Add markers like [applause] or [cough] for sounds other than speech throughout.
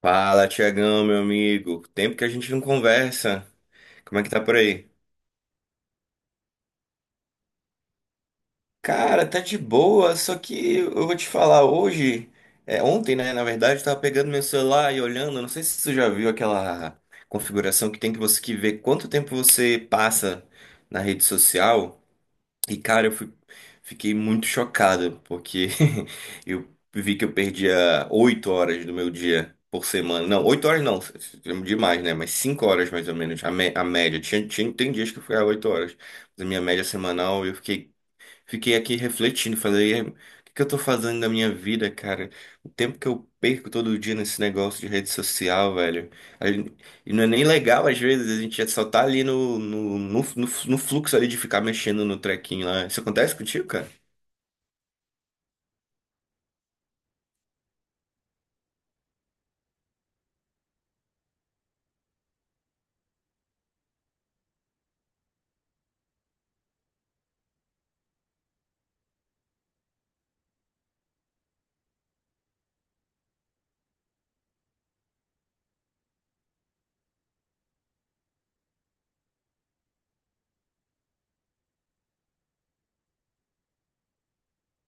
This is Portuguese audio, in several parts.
Fala, Tiagão, meu amigo. Tempo que a gente não conversa. Como é que tá por aí? Cara, tá de boa, só que eu vou te falar hoje, ontem, né, na verdade, eu tava pegando meu celular e olhando, não sei se você já viu aquela configuração que tem que você que ver quanto tempo você passa na rede social. E, cara, fiquei muito chocado, porque [laughs] eu vi que eu perdia oito horas do meu dia por semana. Não, oito horas não, demais, né? Mas cinco horas mais ou menos, a média. Tem dias que eu ficava oito horas. Mas a minha média semanal, fiquei aqui refletindo, falei, "É, o que que eu tô fazendo da minha vida, cara? O tempo que eu perco todo dia nesse negócio de rede social, velho. A gente- E não é nem legal, às vezes, a gente só tá ali no fluxo ali de ficar mexendo no trequinho lá. Isso acontece contigo, cara?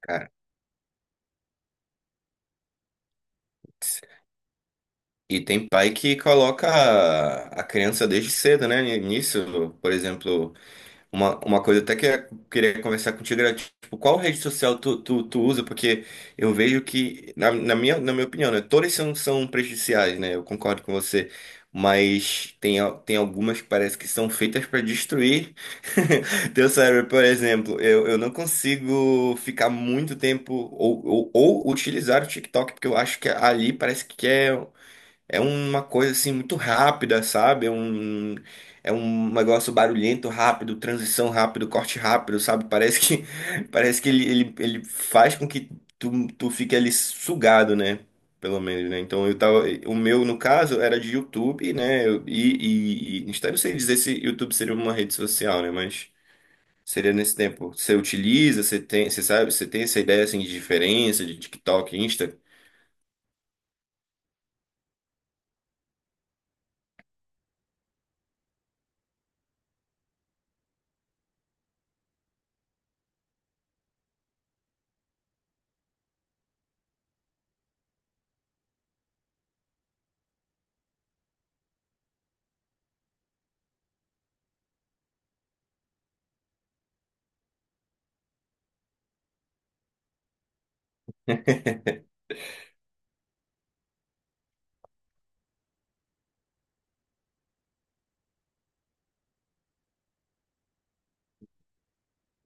Cara. E tem pai que coloca a criança desde cedo, né? Nisso, por exemplo. Uma coisa até que eu queria conversar contigo era, tipo, qual rede social tu usa? Porque eu vejo que, na minha opinião, né, todas são, são prejudiciais, né? Eu concordo com você. Mas tem algumas que parece que são feitas para destruir [laughs] teu cérebro. Por exemplo, eu não consigo ficar muito tempo ou utilizar o TikTok, porque eu acho que ali parece que é. É uma coisa assim muito rápida, sabe? É um negócio barulhento, rápido, transição rápido, corte rápido, sabe? Parece que, [laughs] parece que ele faz com que tu fique ali sugado, né? Pelo menos, né? Então eu tava. O meu, no caso, era de YouTube, né? Eu não sei dizer se YouTube seria uma rede social, né? Mas seria nesse tempo. Você utiliza, você tem, você sabe, Você tem essa ideia assim de diferença de TikTok, Insta? [laughs]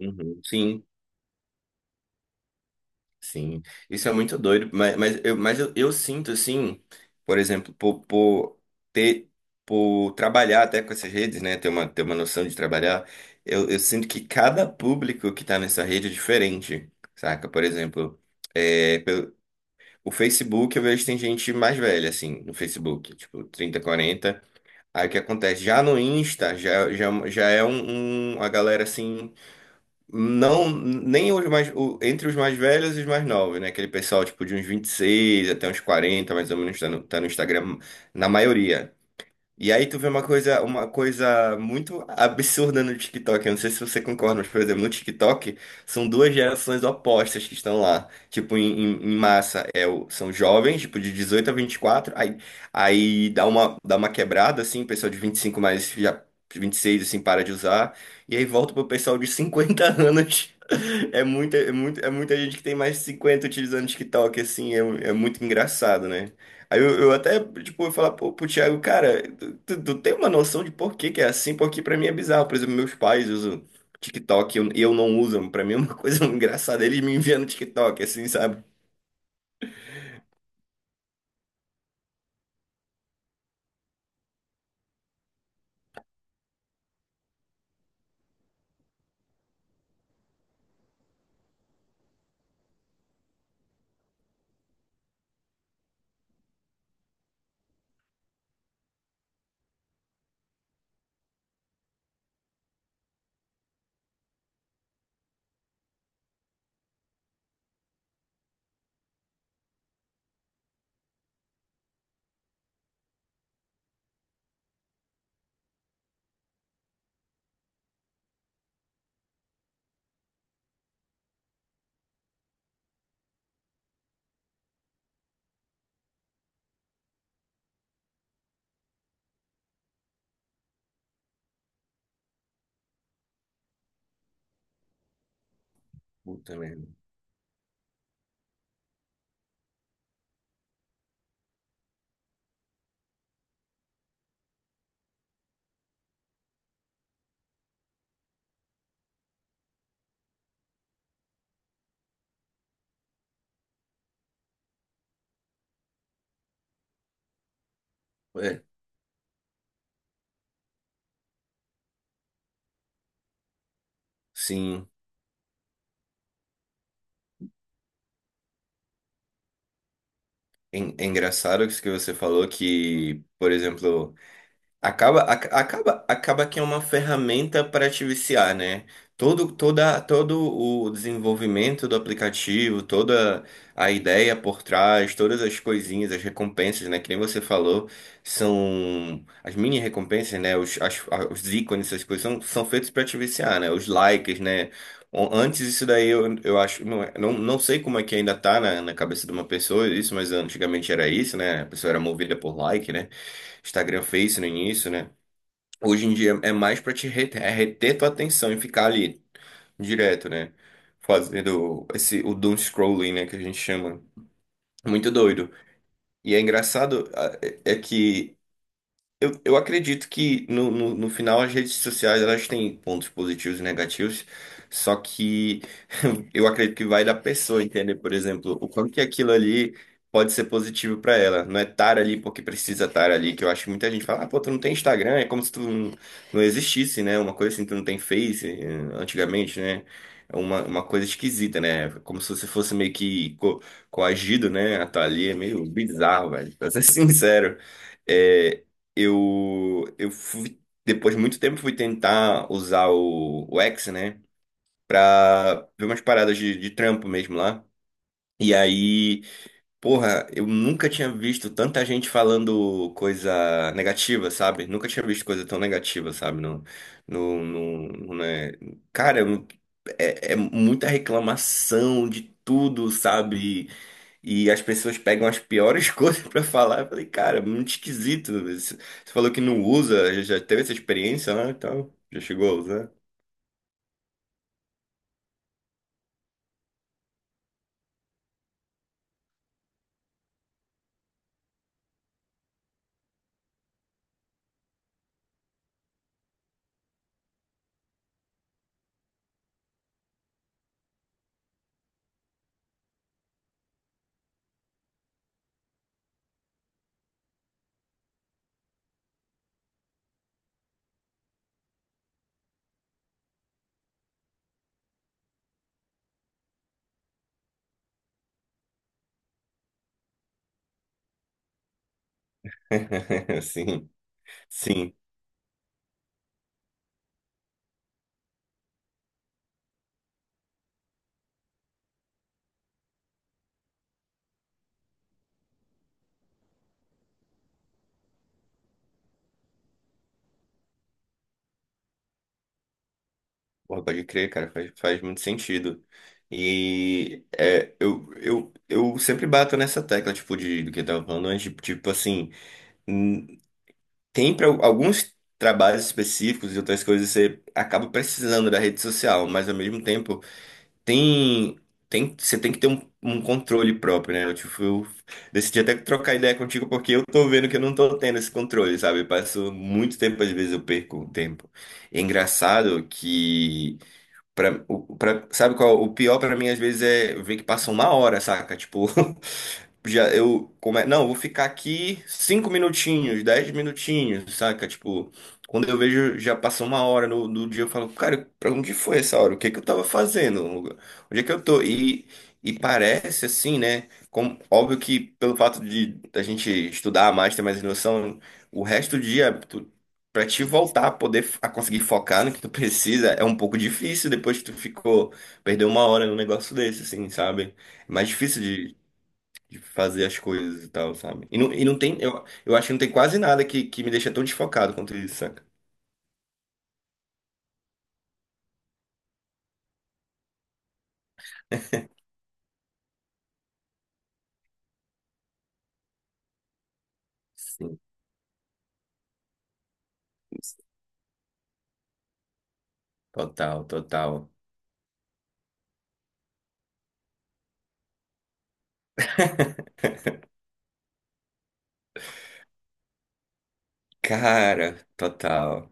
Uhum. Sim. Sim, isso é muito doido, mas eu sinto assim, por exemplo, por ter, por trabalhar até com essas redes, né, ter ter uma noção de trabalhar, eu sinto que cada público que tá nessa rede é diferente, saca? Por exemplo, é, pelo- o Facebook eu vejo que tem gente mais velha, assim, no Facebook, tipo 30 40 aí o que acontece? Já no Insta, já é um, uma galera assim não, nem os mais, o- entre os mais velhos e os mais novos, né? Aquele pessoal, tipo, de uns 26 até uns 40 mais ou menos, tá no Instagram, na maioria. E aí tu vê uma coisa muito absurda no TikTok. Eu não sei se você concorda, mas, por exemplo, no TikTok são duas gerações opostas que estão lá, tipo, em massa. É, são jovens, tipo, de 18 a 24, aí dá uma quebrada, assim, pessoal de 25 mais já 26, assim, para de usar. E aí volta pro pessoal de 50 [laughs] anos é muita, é muito, é muita gente que tem mais de 50 utilizando TikTok, assim, é, é muito engraçado, né? Aí eu falar pro Thiago, cara, tu tem uma noção de por que que é assim? Porque pra mim é bizarro. Por exemplo, meus pais usam TikTok e eu não uso. Pra mim é uma [laughs] coisa engraçada. Eles me enviando TikTok, assim, sabe? Puta merda. É, sim. É, é engraçado isso que você falou que, por exemplo. Acaba que é uma ferramenta para te viciar, né? Todo o desenvolvimento do aplicativo, toda a ideia por trás, todas as coisinhas, as recompensas, né? Que nem você falou, são as mini recompensas, né? Os ícones, essas coisas são, são feitos para te viciar, né? Os likes, né? O- Antes isso daí eu acho, não, é- não, não sei como é que ainda tá na, na cabeça de uma pessoa isso, mas antigamente era isso, né? A pessoa era movida por like, né? Instagram, Face no início, né? Hoje em dia é mais pra te reter, é reter tua atenção e ficar ali direto, né? Fazendo o doom scrolling, né? Que a gente chama. Muito doido. E é engraçado que eu acredito que no final as redes sociais elas têm pontos positivos e negativos, só que [laughs] eu acredito que vai da pessoa entender, por exemplo, o quanto que aquilo ali pode ser positivo para ela. Não é estar ali porque precisa estar ali, que eu acho que muita gente fala, ah, pô, tu não tem Instagram, é como se tu não, não existisse, né? Uma coisa assim, tu não tem Face, eh, antigamente, né? É uma coisa esquisita, né? Como se você fosse meio que co coagido, né? A estar ali, é meio bizarro, velho, pra ser [laughs] sincero. É, eu fui, depois de muito tempo, fui tentar usar o X, né? Pra ver umas paradas de trampo mesmo lá. E aí, porra, eu nunca tinha visto tanta gente falando coisa negativa, sabe? Nunca tinha visto coisa tão negativa, sabe? No, né? Cara, é, é muita reclamação de tudo, sabe? E as pessoas pegam as piores [laughs] coisas pra falar. Eu falei, cara, muito esquisito. Você falou que não usa, já teve essa experiência, né? Então, já chegou a usar? [laughs] Sim, sim. Porra, pode crer, cara, faz muito sentido. E eu sempre bato nessa tecla, tipo, de, do que eu tava falando antes, tipo, tipo assim, hum, tem para alguns trabalhos específicos e outras coisas você acaba precisando da rede social, mas ao mesmo tempo. tem, você tem que ter um controle próprio, né? Eu, tipo, eu decidi até trocar ideia contigo porque eu tô vendo que eu não tô tendo esse controle, sabe? Eu passo muito tempo, às vezes eu perco o tempo. É engraçado que sabe qual é o pior pra mim, às vezes? É ver que passa uma hora, saca? Tipo, [laughs] já eu. Como é, não, vou ficar aqui cinco minutinhos, dez minutinhos, saca? Tipo, quando eu vejo, já passou uma hora no, do dia, eu falo, cara, pra onde foi essa hora? O que que eu tava fazendo? Onde é que eu tô? E parece assim, né? Como, óbvio que pelo fato de a gente estudar mais, ter mais noção, o resto do dia. Pra te voltar a conseguir focar no que tu precisa é um pouco difícil depois que perdeu uma hora num negócio desse, assim, sabe? É mais difícil de fazer as coisas e tal, sabe? E não tem, eu acho que não tem quase nada que me deixa tão desfocado quanto isso, saca? Sim, total, total. Cara, total.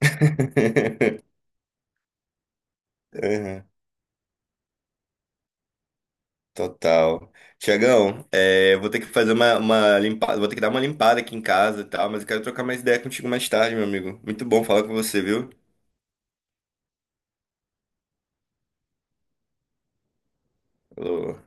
[laughs] Uhum, total. Tiagão, é, vou ter que fazer uma limpada, vou ter que dar uma limpada aqui em casa e tal, mas eu quero trocar mais ideia contigo mais tarde, meu amigo. Muito bom falar com você, viu? Alô,